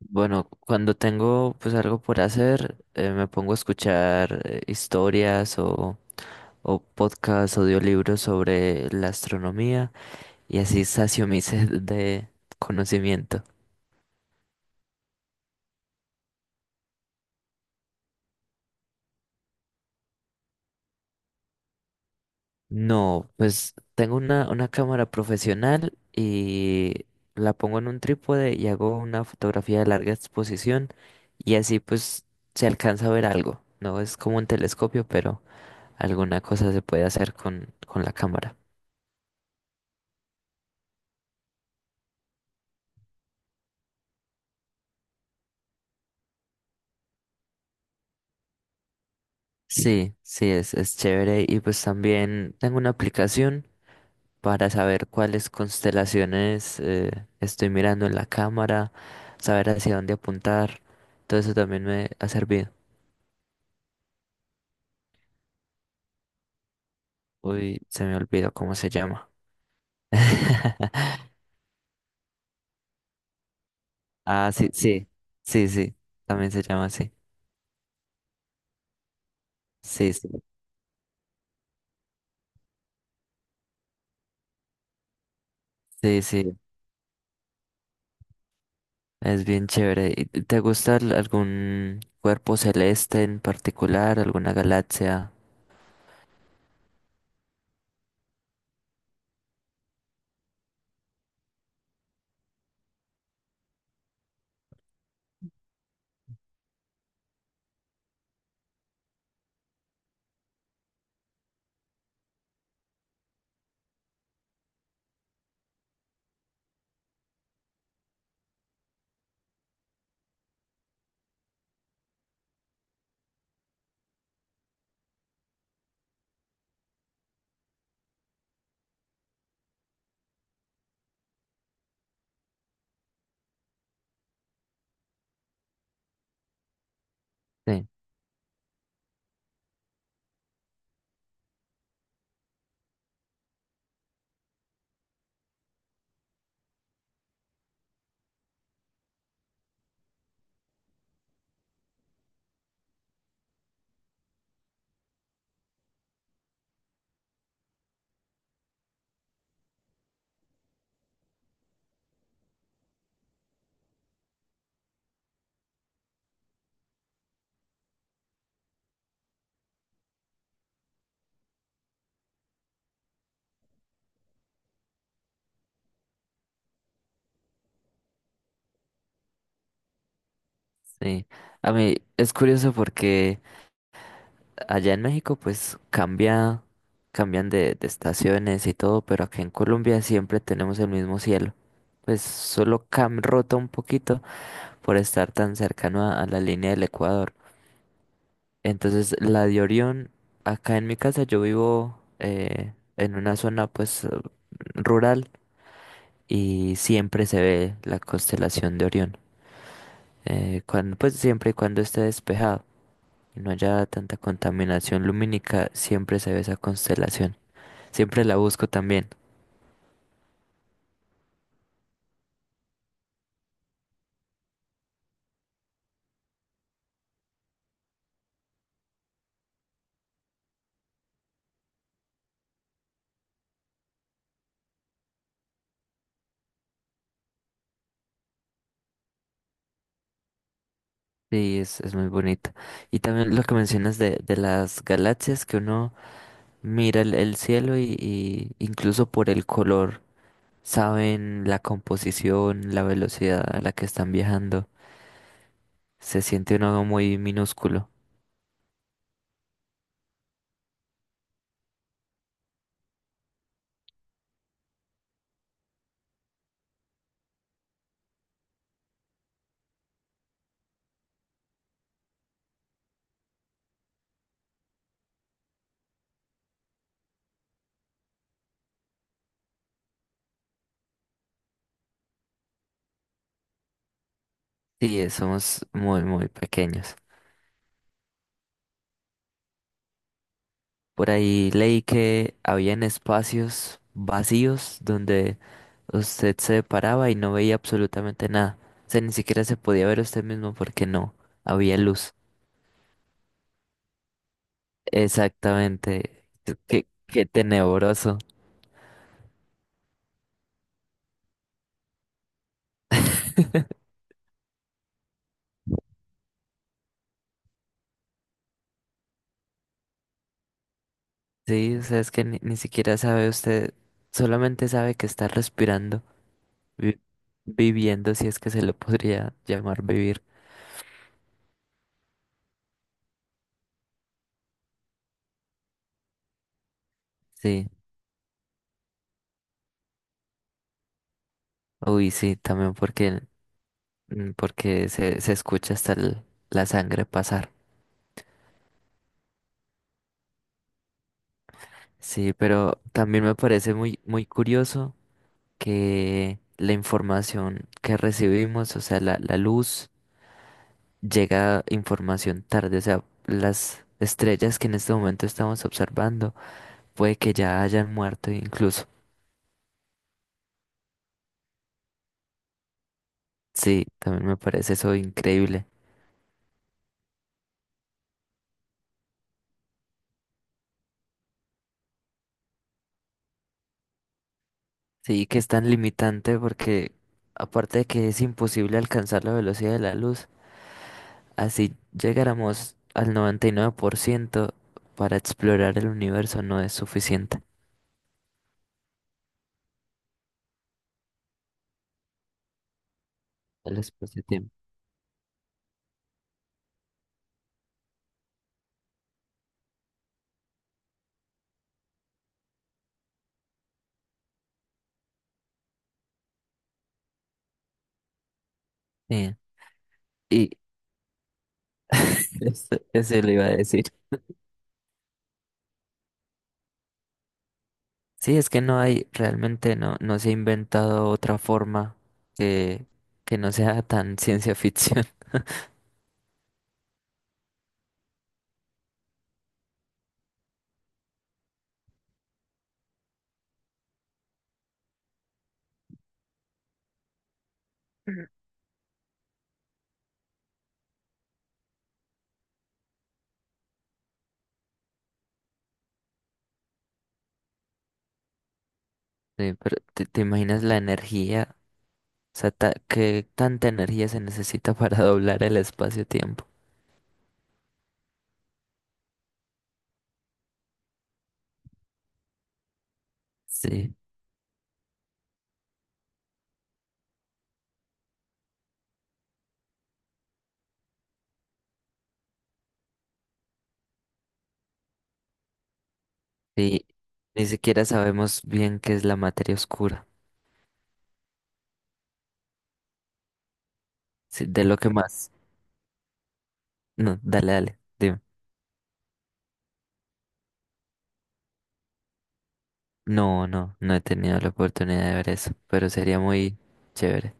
Bueno, cuando tengo pues algo por hacer, me pongo a escuchar historias o podcasts, audiolibros sobre la astronomía y así sacio mi sed de conocimiento. No, pues tengo una cámara profesional y la pongo en un trípode y hago una fotografía de larga exposición y así pues se alcanza a ver algo. No es como un telescopio, pero alguna cosa se puede hacer con la cámara. Sí, sí, es chévere. Y pues también tengo una aplicación para saber cuáles constelaciones estoy mirando en la cámara, saber hacia dónde apuntar. Todo eso también me ha servido. Uy, se me olvidó cómo se llama. Ah, sí, sí, sí, sí, también se llama así. Sí, sí, sí, sí, es bien chévere. ¿Y te gusta algún cuerpo celeste en particular, alguna galaxia? Sí. Sí, a mí es curioso porque allá en México pues cambian de estaciones y todo, pero aquí en Colombia siempre tenemos el mismo cielo. Pues solo cam rota un poquito por estar tan cercano a la línea del Ecuador. Entonces la de Orión, acá en mi casa yo vivo en una zona pues rural y siempre se ve la constelación de Orión, cuando, pues siempre y cuando esté despejado y no haya tanta contaminación lumínica, siempre se ve esa constelación. Siempre la busco también. Sí es muy bonita. Y también lo que mencionas de las galaxias, que uno mira el cielo y incluso por el color saben la composición, la velocidad a la que están viajando. Se siente uno muy minúsculo. Sí, somos muy, muy pequeños. Por ahí leí que habían espacios vacíos donde usted se paraba y no veía absolutamente nada. O sea, ni siquiera se podía ver usted mismo porque no había luz. Exactamente. Qué, qué tenebroso. Sí, o sea, es que ni siquiera sabe usted, solamente sabe que está respirando, vi- viviendo, si es que se lo podría llamar vivir. Sí, uy, sí, también porque, porque se escucha hasta la sangre pasar. Sí, pero también me parece muy, muy curioso que la información que recibimos, o sea, la luz, llega información tarde, o sea, las estrellas que en este momento estamos observando, puede que ya hayan muerto incluso. Sí, también me parece eso increíble. Sí, que es tan limitante porque aparte de que es imposible alcanzar la velocidad de la luz, así llegáramos al 99% para explorar el universo no es suficiente. El espacio-tiempo. Sí. Y eso le iba a decir. Sí, es que no hay, realmente no, no se ha inventado otra forma que, que no sea tan ciencia ficción. Sí, pero ¿te, te imaginas la energía? O sea, ¿qué tanta energía se necesita para doblar el espacio-tiempo? Sí, sí, ni siquiera sabemos bien qué es la materia oscura. Sí, de lo que más. No, dale, dale, dime. No, no, no he tenido la oportunidad de ver eso, pero sería muy chévere.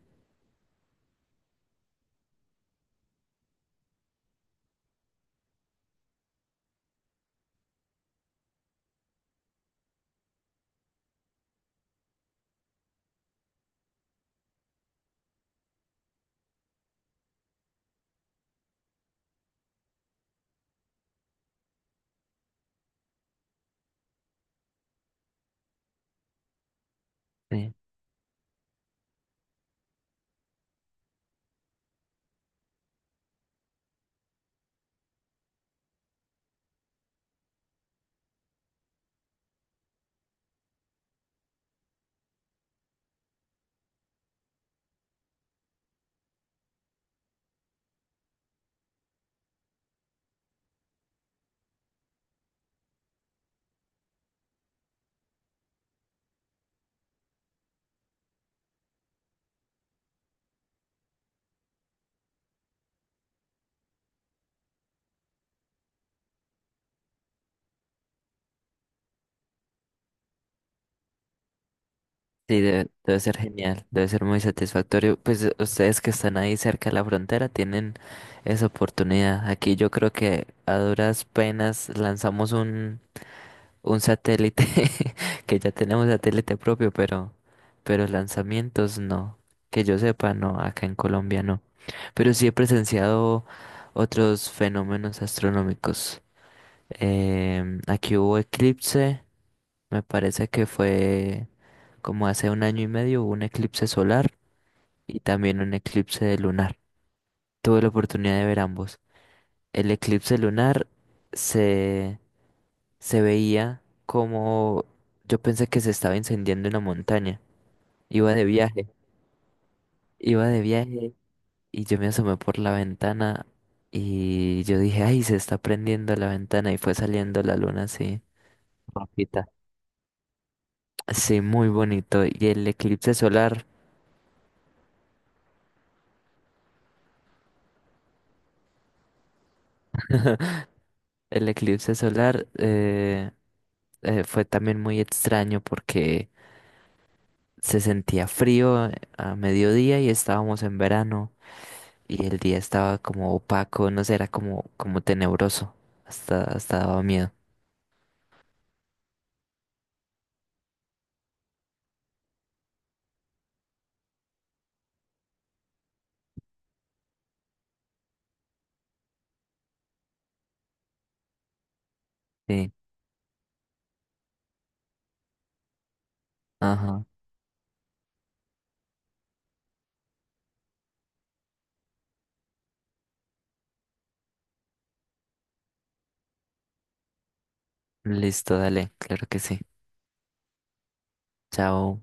Sí, sí, debe, debe ser genial, debe ser muy satisfactorio. Pues ustedes que están ahí cerca de la frontera tienen esa oportunidad. Aquí yo creo que a duras penas lanzamos un satélite, que ya tenemos satélite propio, pero lanzamientos no. Que yo sepa, no, acá en Colombia no. Pero sí he presenciado otros fenómenos astronómicos. Em, aquí hubo eclipse, me parece que fue como hace un año y medio, hubo un eclipse solar y también un eclipse lunar. Tuve la oportunidad de ver ambos. El eclipse lunar se, se veía como yo pensé que se estaba incendiando una montaña. Iba de viaje, Iba de viaje y yo me asomé por la ventana y yo dije, ay, se está prendiendo la ventana y fue saliendo la luna así. Rojita. Sí, muy bonito. Y el eclipse solar, el eclipse solar fue también muy extraño porque se sentía frío a mediodía y estábamos en verano y el día estaba como opaco, no sé, era como, como tenebroso. Hasta, hasta daba miedo. Sí, ajá. Listo, dale, claro que sí. Chao.